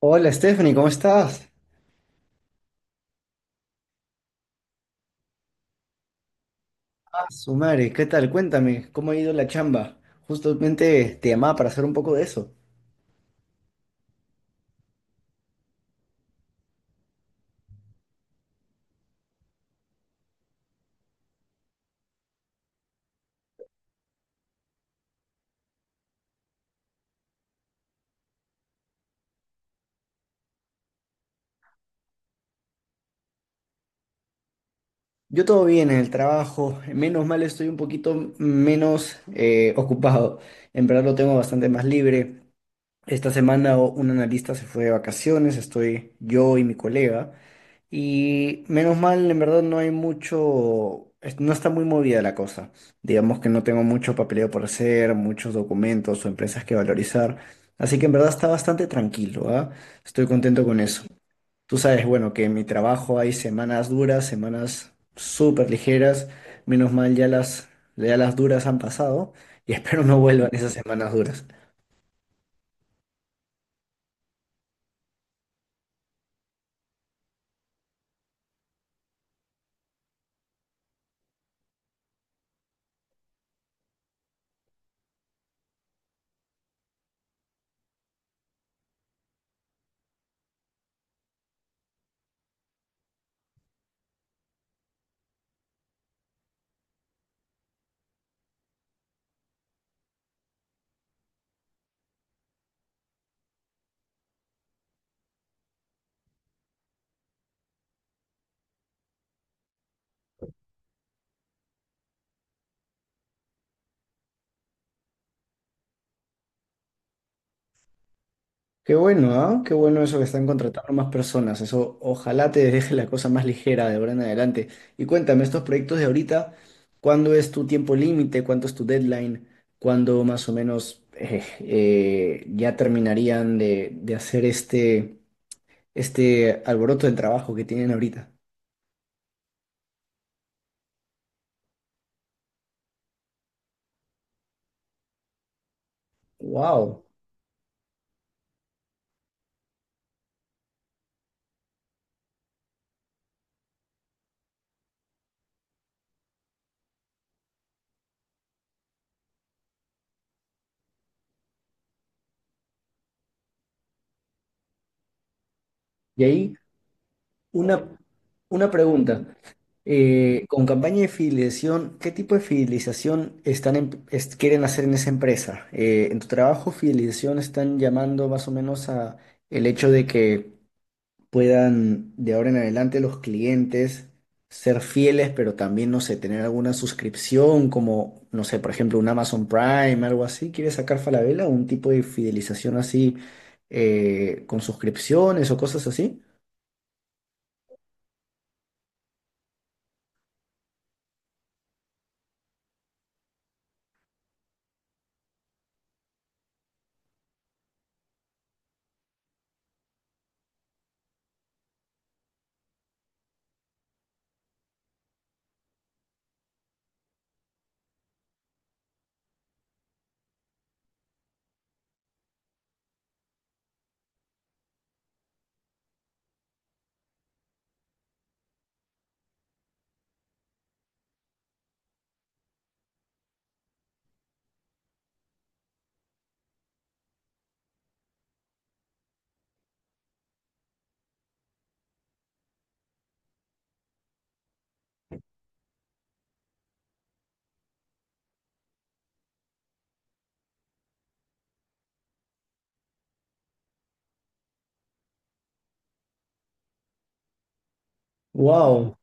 Hola Stephanie, ¿cómo estás? Ah, su madre, ¿qué tal? Cuéntame, ¿cómo ha ido la chamba? Justamente te llamaba para hacer un poco de eso. Yo todo bien en el trabajo, menos mal estoy un poquito menos ocupado. En verdad lo tengo bastante más libre. Esta semana un analista se fue de vacaciones, estoy yo y mi colega. Y menos mal, en verdad no hay mucho, no está muy movida la cosa. Digamos que no tengo mucho papeleo por hacer, muchos documentos o empresas que valorizar. Así que en verdad está bastante tranquilo, ¿ah? Estoy contento con eso. Tú sabes, bueno, que en mi trabajo hay semanas duras, semanas súper ligeras. Menos mal ya las duras han pasado y espero no vuelvan esas semanas duras. Qué bueno, ¿ah? Qué bueno eso que están contratando más personas. Eso ojalá te deje la cosa más ligera de ahora en adelante. Y cuéntame, estos proyectos de ahorita, ¿cuándo es tu tiempo límite? ¿Cuánto es tu deadline? ¿Cuándo más o menos ya terminarían de hacer este alboroto del trabajo que tienen ahorita? ¡Wow! ¿Y ahí Una, una pregunta. Con campaña de fidelización, ¿qué tipo de fidelización están quieren hacer en esa empresa? En tu trabajo, fidelización están llamando más o menos a el hecho de que puedan de ahora en adelante los clientes ser fieles, pero también, no sé, tener alguna suscripción como, no sé, por ejemplo, un Amazon Prime, algo así. ¿Quieres sacar Falabella? ¿Un tipo de fidelización así con suscripciones o cosas así? Wow.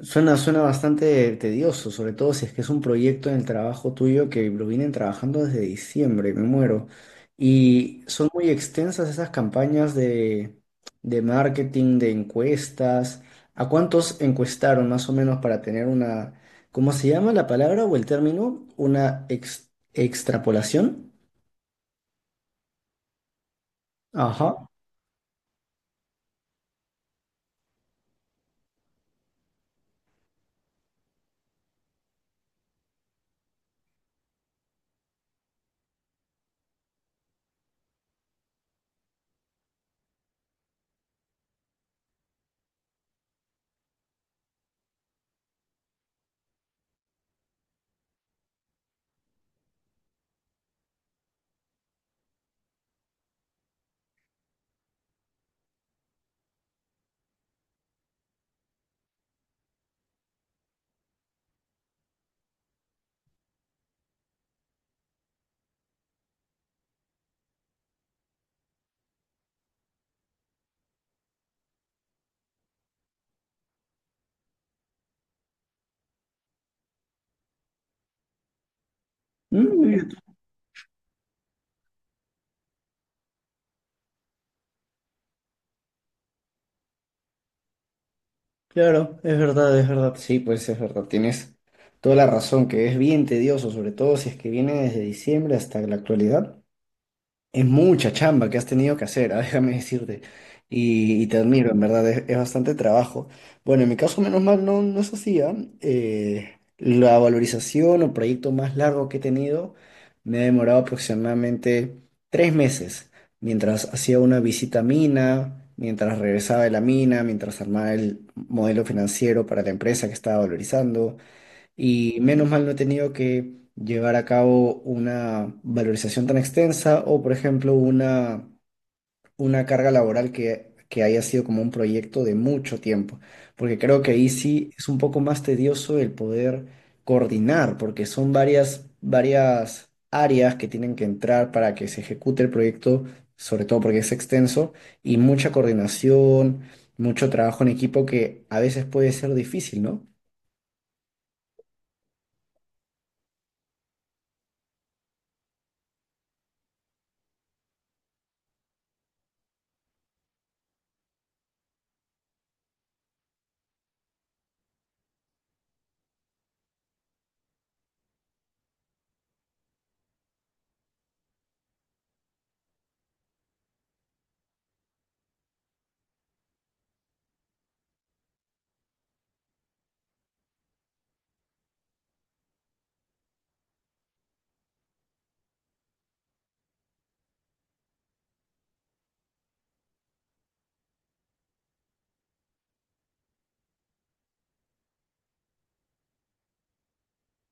Suena, suena bastante tedioso, sobre todo si es que es un proyecto en el trabajo tuyo que lo vienen trabajando desde diciembre, me muero. Y son muy extensas esas campañas de marketing, de encuestas. ¿A cuántos encuestaron más o menos para tener una, ¿cómo se llama la palabra o el término? Una extrapolación. Ajá. Mm. Claro, es verdad, es verdad. Sí, pues es verdad, tienes toda la razón, que es bien tedioso, sobre todo si es que viene desde diciembre hasta la actualidad. Es mucha chamba que has tenido que hacer, ah, déjame decirte. Y te admiro, en verdad, es bastante trabajo. Bueno, en mi caso, menos mal, no, no es así, ¿ah? La valorización o proyecto más largo que he tenido me ha demorado aproximadamente 3 meses, mientras hacía una visita a mina, mientras regresaba de la mina, mientras armaba el modelo financiero para la empresa que estaba valorizando, y menos mal no he tenido que llevar a cabo una valorización tan extensa o, por ejemplo, una carga laboral que haya sido como un proyecto de mucho tiempo, porque creo que ahí sí es un poco más tedioso el poder coordinar, porque son varias áreas que tienen que entrar para que se ejecute el proyecto, sobre todo porque es extenso, y mucha coordinación, mucho trabajo en equipo que a veces puede ser difícil, ¿no?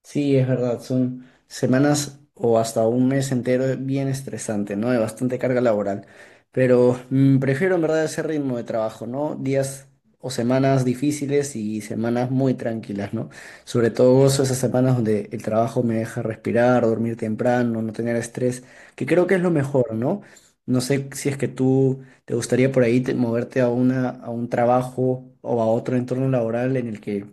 Sí, es verdad, son semanas o hasta un mes entero bien estresante, ¿no? De bastante carga laboral. Pero prefiero en verdad ese ritmo de trabajo, ¿no? Días o semanas difíciles y semanas muy tranquilas, ¿no? Sobre todo gozo esas semanas donde el trabajo me deja respirar, dormir temprano, no tener estrés, que creo que es lo mejor, ¿no? No sé si es que tú te gustaría por ahí moverte a una, a un trabajo o a otro entorno laboral en el que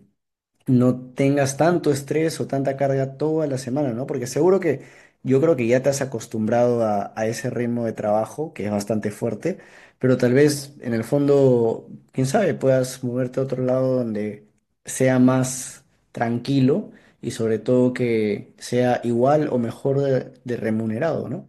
no tengas tanto estrés o tanta carga toda la semana, ¿no? Porque seguro que yo creo que ya te has acostumbrado a ese ritmo de trabajo, que es bastante fuerte, pero tal vez en el fondo, quién sabe, puedas moverte a otro lado donde sea más tranquilo y sobre todo que sea igual o mejor de remunerado, ¿no?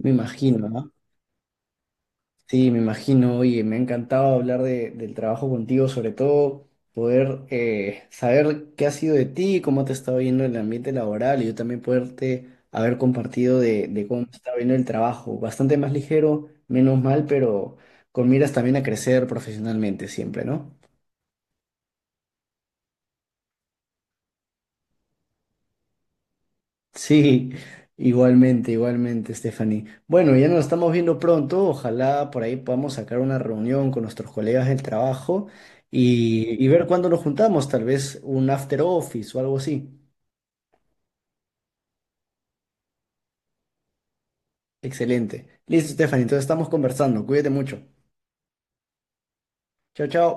Me imagino, ¿no? Sí, me imagino. Oye, me ha encantado hablar del trabajo contigo, sobre todo poder saber qué ha sido de ti, cómo te ha estado viendo el ambiente laboral y yo también poderte haber compartido de cómo me está viendo el trabajo. Bastante más ligero, menos mal, pero con miras también a crecer profesionalmente siempre, ¿no? Sí, igualmente, igualmente, Stephanie. Bueno, ya nos estamos viendo pronto. Ojalá por ahí podamos sacar una reunión con nuestros colegas del trabajo y ver cuándo nos juntamos, tal vez un after office o algo así. Excelente. Listo, Stephanie, entonces estamos conversando. Cuídate mucho. Chao, chao.